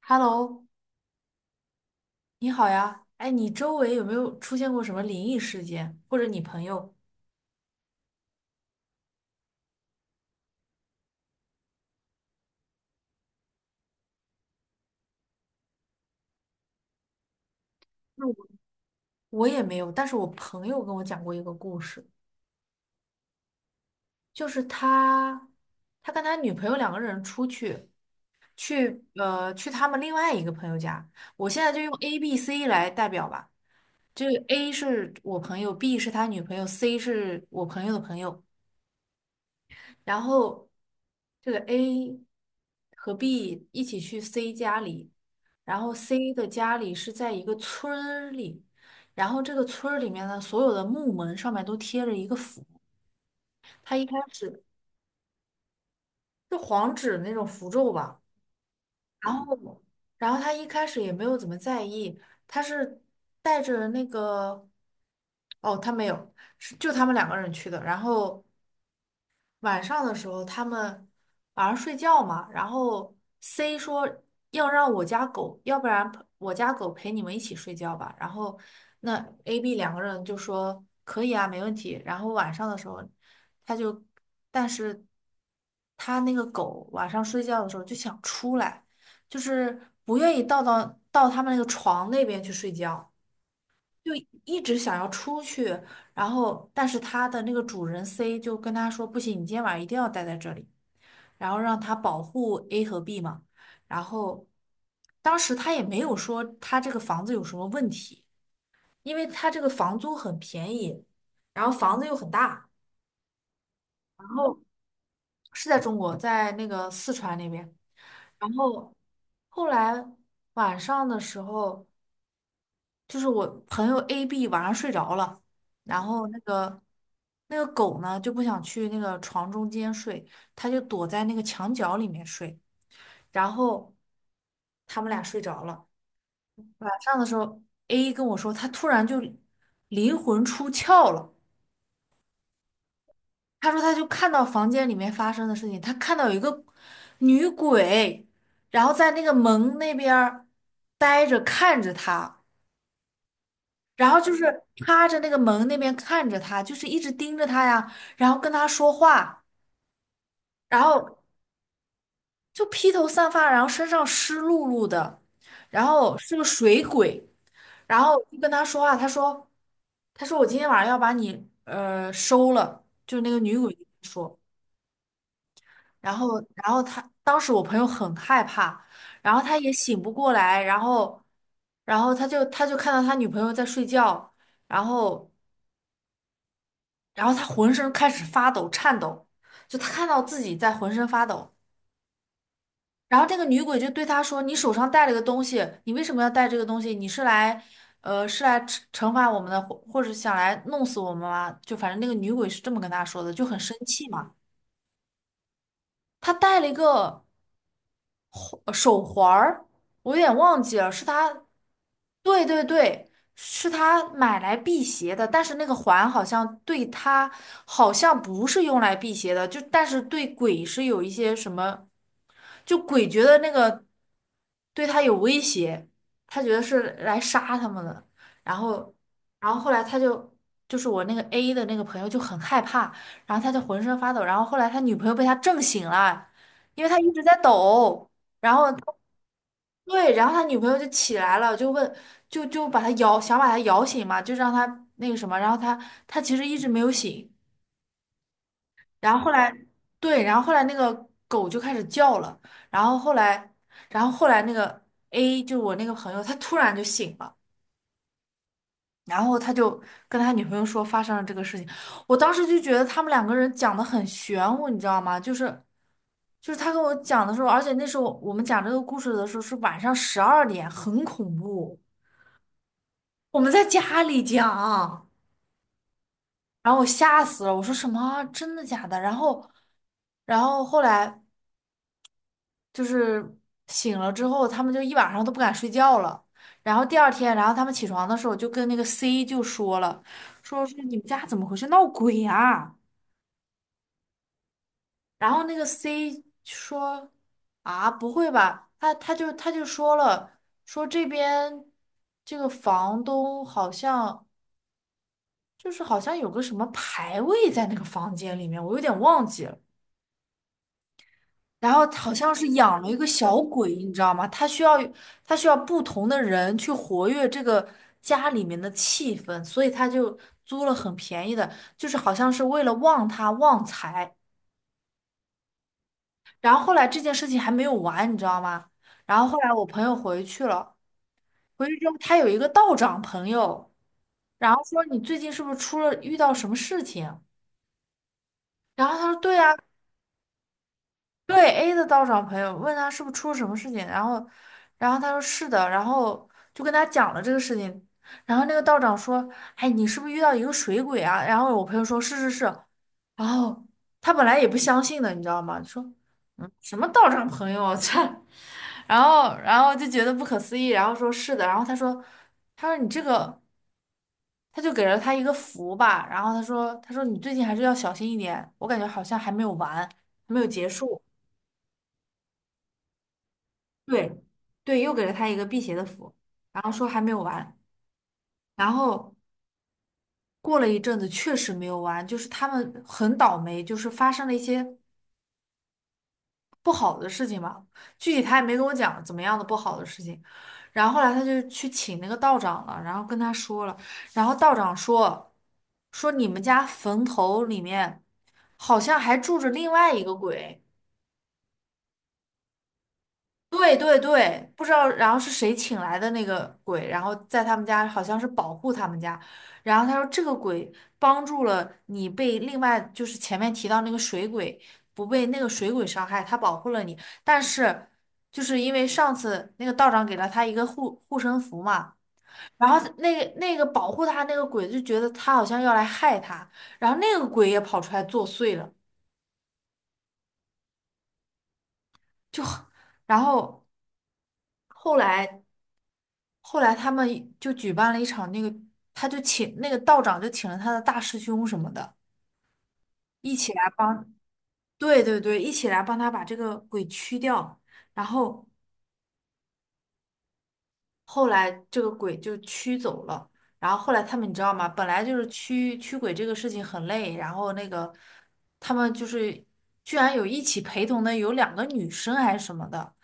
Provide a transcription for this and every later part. Hello，你好呀。哎，你周围有没有出现过什么灵异事件，或者你朋友？那我我也没有，但是我朋友跟我讲过一个故事，就是他跟他女朋友两个人出去，去他们另外一个朋友家。我现在就用 A、B、C 来代表吧，就是 A 是我朋友，B 是他女朋友，C 是我朋友的朋友。然后这个 A 和 B 一起去 C 家里，然后 C 的家里是在一个村儿里，然后这个村儿里面的所有的木门上面都贴着一个符，他一开始是黄纸那种符咒吧，然后然后他一开始也没有怎么在意，他是带着那个，哦，他没有，是就他们两个人去的，然后。晚上的时候，他们晚上睡觉嘛，然后 C 说要让我家狗，要不然我家狗陪你们一起睡觉吧。然后那 A、B 两个人就说可以啊，没问题。然后晚上的时候，他就，但是他那个狗晚上睡觉的时候就想出来，就是不愿意到他们那个床那边去睡觉。就一直想要出去，然后但是它的那个主人 C 就跟他说："不行，你今天晚上一定要待在这里。"然后让它保护 A 和 B 嘛。然后当时他也没有说他这个房子有什么问题，因为他这个房租很便宜，然后房子又很大，然后是在中国，在那个四川那边。然后后来晚上的时候。就是我朋友 A、B 晚上睡着了，然后那个狗呢就不想去那个床中间睡，它就躲在那个墙角里面睡。然后他们俩睡着了，晚上的时候，A 跟我说他突然就灵魂出窍了，他说他就看到房间里面发生的事情，他看到有一个女鬼，然后在那个门那边儿呆着看着他。然后就是趴着那个门那边看着他，就是一直盯着他呀，然后跟他说话，然后就披头散发，然后身上湿漉漉的，然后是个水鬼，然后就跟他说话，他说我今天晚上要把你收了，就是那个女鬼跟他说，然后他当时我朋友很害怕，然后他也醒不过来，然后他就看到他女朋友在睡觉，然后。然后他浑身开始发抖、颤抖，就他看到自己在浑身发抖。然后这个女鬼就对他说："你手上带了个东西，你为什么要带这个东西？你是来，是来惩罚我们的，或者想来弄死我们吗？"就反正那个女鬼是这么跟他说的，就很生气嘛。他带了一个。手环儿，我有点忘记了，是他，对对对，是他买来辟邪的，但是那个环好像对他好像不是用来辟邪的，就但是对鬼是有一些什么，就鬼觉得那个对他有威胁，他觉得是来杀他们的，然后然后后来他就。就是我那个 A 的那个朋友就很害怕，然后他就浑身发抖，然后后来他女朋友被他震醒了，因为他一直在抖。然后他对，然后他女朋友就起来了，就问，就把他摇，想把他摇醒嘛，就让他那个什么，然后他其实一直没有醒，然后后来，对，然后后来那个狗就开始叫了，然后后来，然后后来那个 A 就是我那个朋友，他突然就醒了。然后他就跟他女朋友说发生了这个事情，我当时就觉得他们两个人讲的很玄乎，你知道吗？就是他跟我讲的时候，而且那时候我们讲这个故事的时候是晚上12点，很恐怖，我们在家里讲，然后我吓死了，我说什么啊真的假的？然后后来就是醒了之后，他们就一晚上都不敢睡觉了。然后第二天，然后他们起床的时候就跟那个 C 就说了，说是你们家怎么回事，闹鬼啊？然后那个 C 说啊，不会吧？他就说了，说这边这个房东好像就是好像有个什么牌位在那个房间里面，我有点忘记了。然后好像是养了一个小鬼，你知道吗？他需要不同的人去活跃这个家里面的气氛，所以他就租了很便宜的，就是好像是为了旺他旺财。然后后来这件事情还没有完，你知道吗？然后后来我朋友回去了，回去之后他有一个道长朋友，然后说你最近是不是出了遇到什么事情？然后他说对啊，对 A 的道长朋友问他是不是出了什么事情，然后他说是的，然后就跟他讲了这个事情，然后那个道长说，哎，你是不是遇到一个水鬼啊？然后我朋友说是是是，然后他本来也不相信的，你知道吗？说，嗯，什么道上朋友啊这，然后就觉得不可思议，然后说是的，然后他说，你这个，他就给了他一个符吧，然后他说你最近还是要小心一点，我感觉好像还没有完，还没有结束，对，对，又给了他一个辟邪的符，然后说还没有完，然后过了一阵子确实没有完，就是他们很倒霉，就是发生了一些。不好的事情吧，具体他也没跟我讲怎么样的不好的事情。然后后来他就去请那个道长了，然后跟他说了，然后道长说你们家坟头里面好像还住着另外一个鬼。对对对，不知道，然后是谁请来的那个鬼，然后在他们家好像是保护他们家，然后他说这个鬼帮助了你被另外就是前面提到那个水鬼不被那个水鬼伤害，他保护了你，但是就是因为上次那个道长给了他一个护身符嘛，然后那个保护他那个鬼就觉得他好像要来害他，然后那个鬼也跑出来作祟了，就然后后来。后来他们就举办了一场那个，他就请那个道长就请了他的大师兄什么的，一起来帮，对对对，一起来帮他把这个鬼驱掉。然后后来这个鬼就驱走了。然后后来他们你知道吗？本来就是驱鬼这个事情很累，然后那个他们就是居然有一起陪同的有两个女生还是什么的，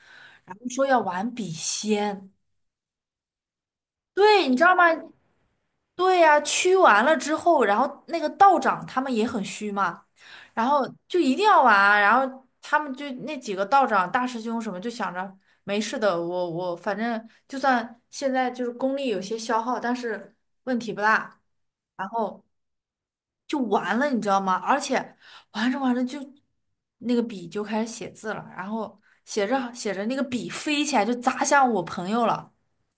然后说要玩笔仙。对，你知道吗？对呀、驱完了之后，然后那个道长他们也很虚嘛，然后就一定要玩啊然后他们就那几个道长、大师兄什么就想着没事的，我反正就算现在就是功力有些消耗，但是问题不大，然后就完了，你知道吗？而且玩着玩着就那个笔就开始写字了，然后写着写着那个笔飞起来就砸向我朋友了，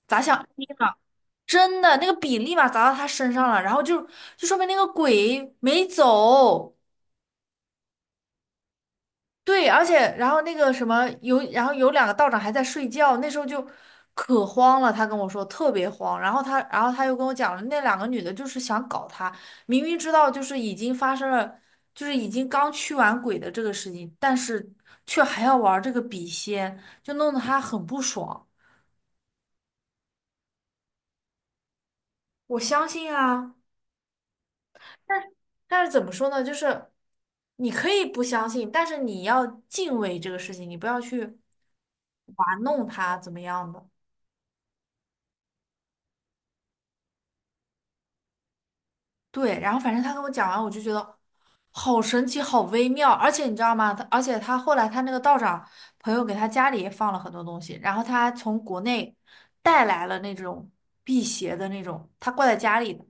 砸向 A 了。真的，那个笔立马砸到他身上了，然后就说明那个鬼没走。对，而且然后那个什么有，然后有两个道长还在睡觉，那时候就可慌了。他跟我说特别慌，然后他又跟我讲了，那两个女的就是想搞他，明明知道就是已经发生了，就是已经刚驱完鬼的这个事情，但是却还要玩这个笔仙，就弄得他很不爽。我相信啊。但但是怎么说呢？就是你可以不相信，但是你要敬畏这个事情，你不要去玩弄它，怎么样的？对，然后反正他跟我讲完，我就觉得好神奇，好微妙。而且你知道吗？他而且他后来他那个道长朋友给他家里也放了很多东西，然后他还从国内带来了那种辟邪的那种，他挂在家里的，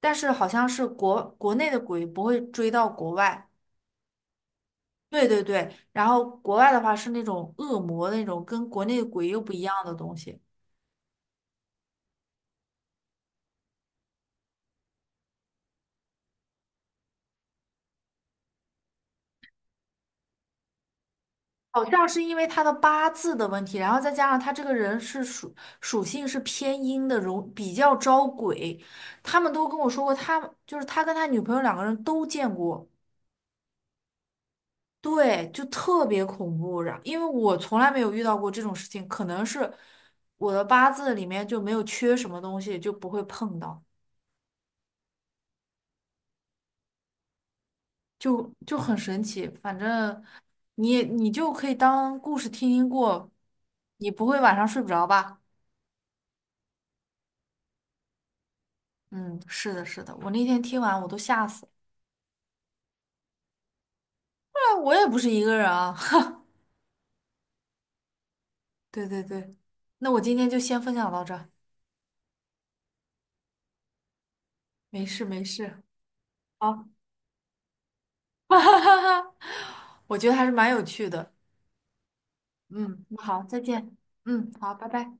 但是好像是国内的鬼不会追到国外。对对对，然后国外的话是那种恶魔那种，跟国内鬼又不一样的东西。好像是因为他的八字的问题，然后再加上他这个人是属性是偏阴的，容比较招鬼。他们都跟我说过，他就是他跟他女朋友两个人都见过，对，就特别恐怖。然因为我从来没有遇到过这种事情，可能是我的八字里面就没有缺什么东西，就不会碰到。就很神奇。反正你就可以当故事听过，你不会晚上睡不着吧？嗯，是的，是的，我那天听完我都吓死了。那我也不是一个人啊，对对对，那我今天就先分享到这儿没事没事，好，哈哈哈哈，我觉得还是蛮有趣的。嗯，那好，再见。嗯，好，拜拜。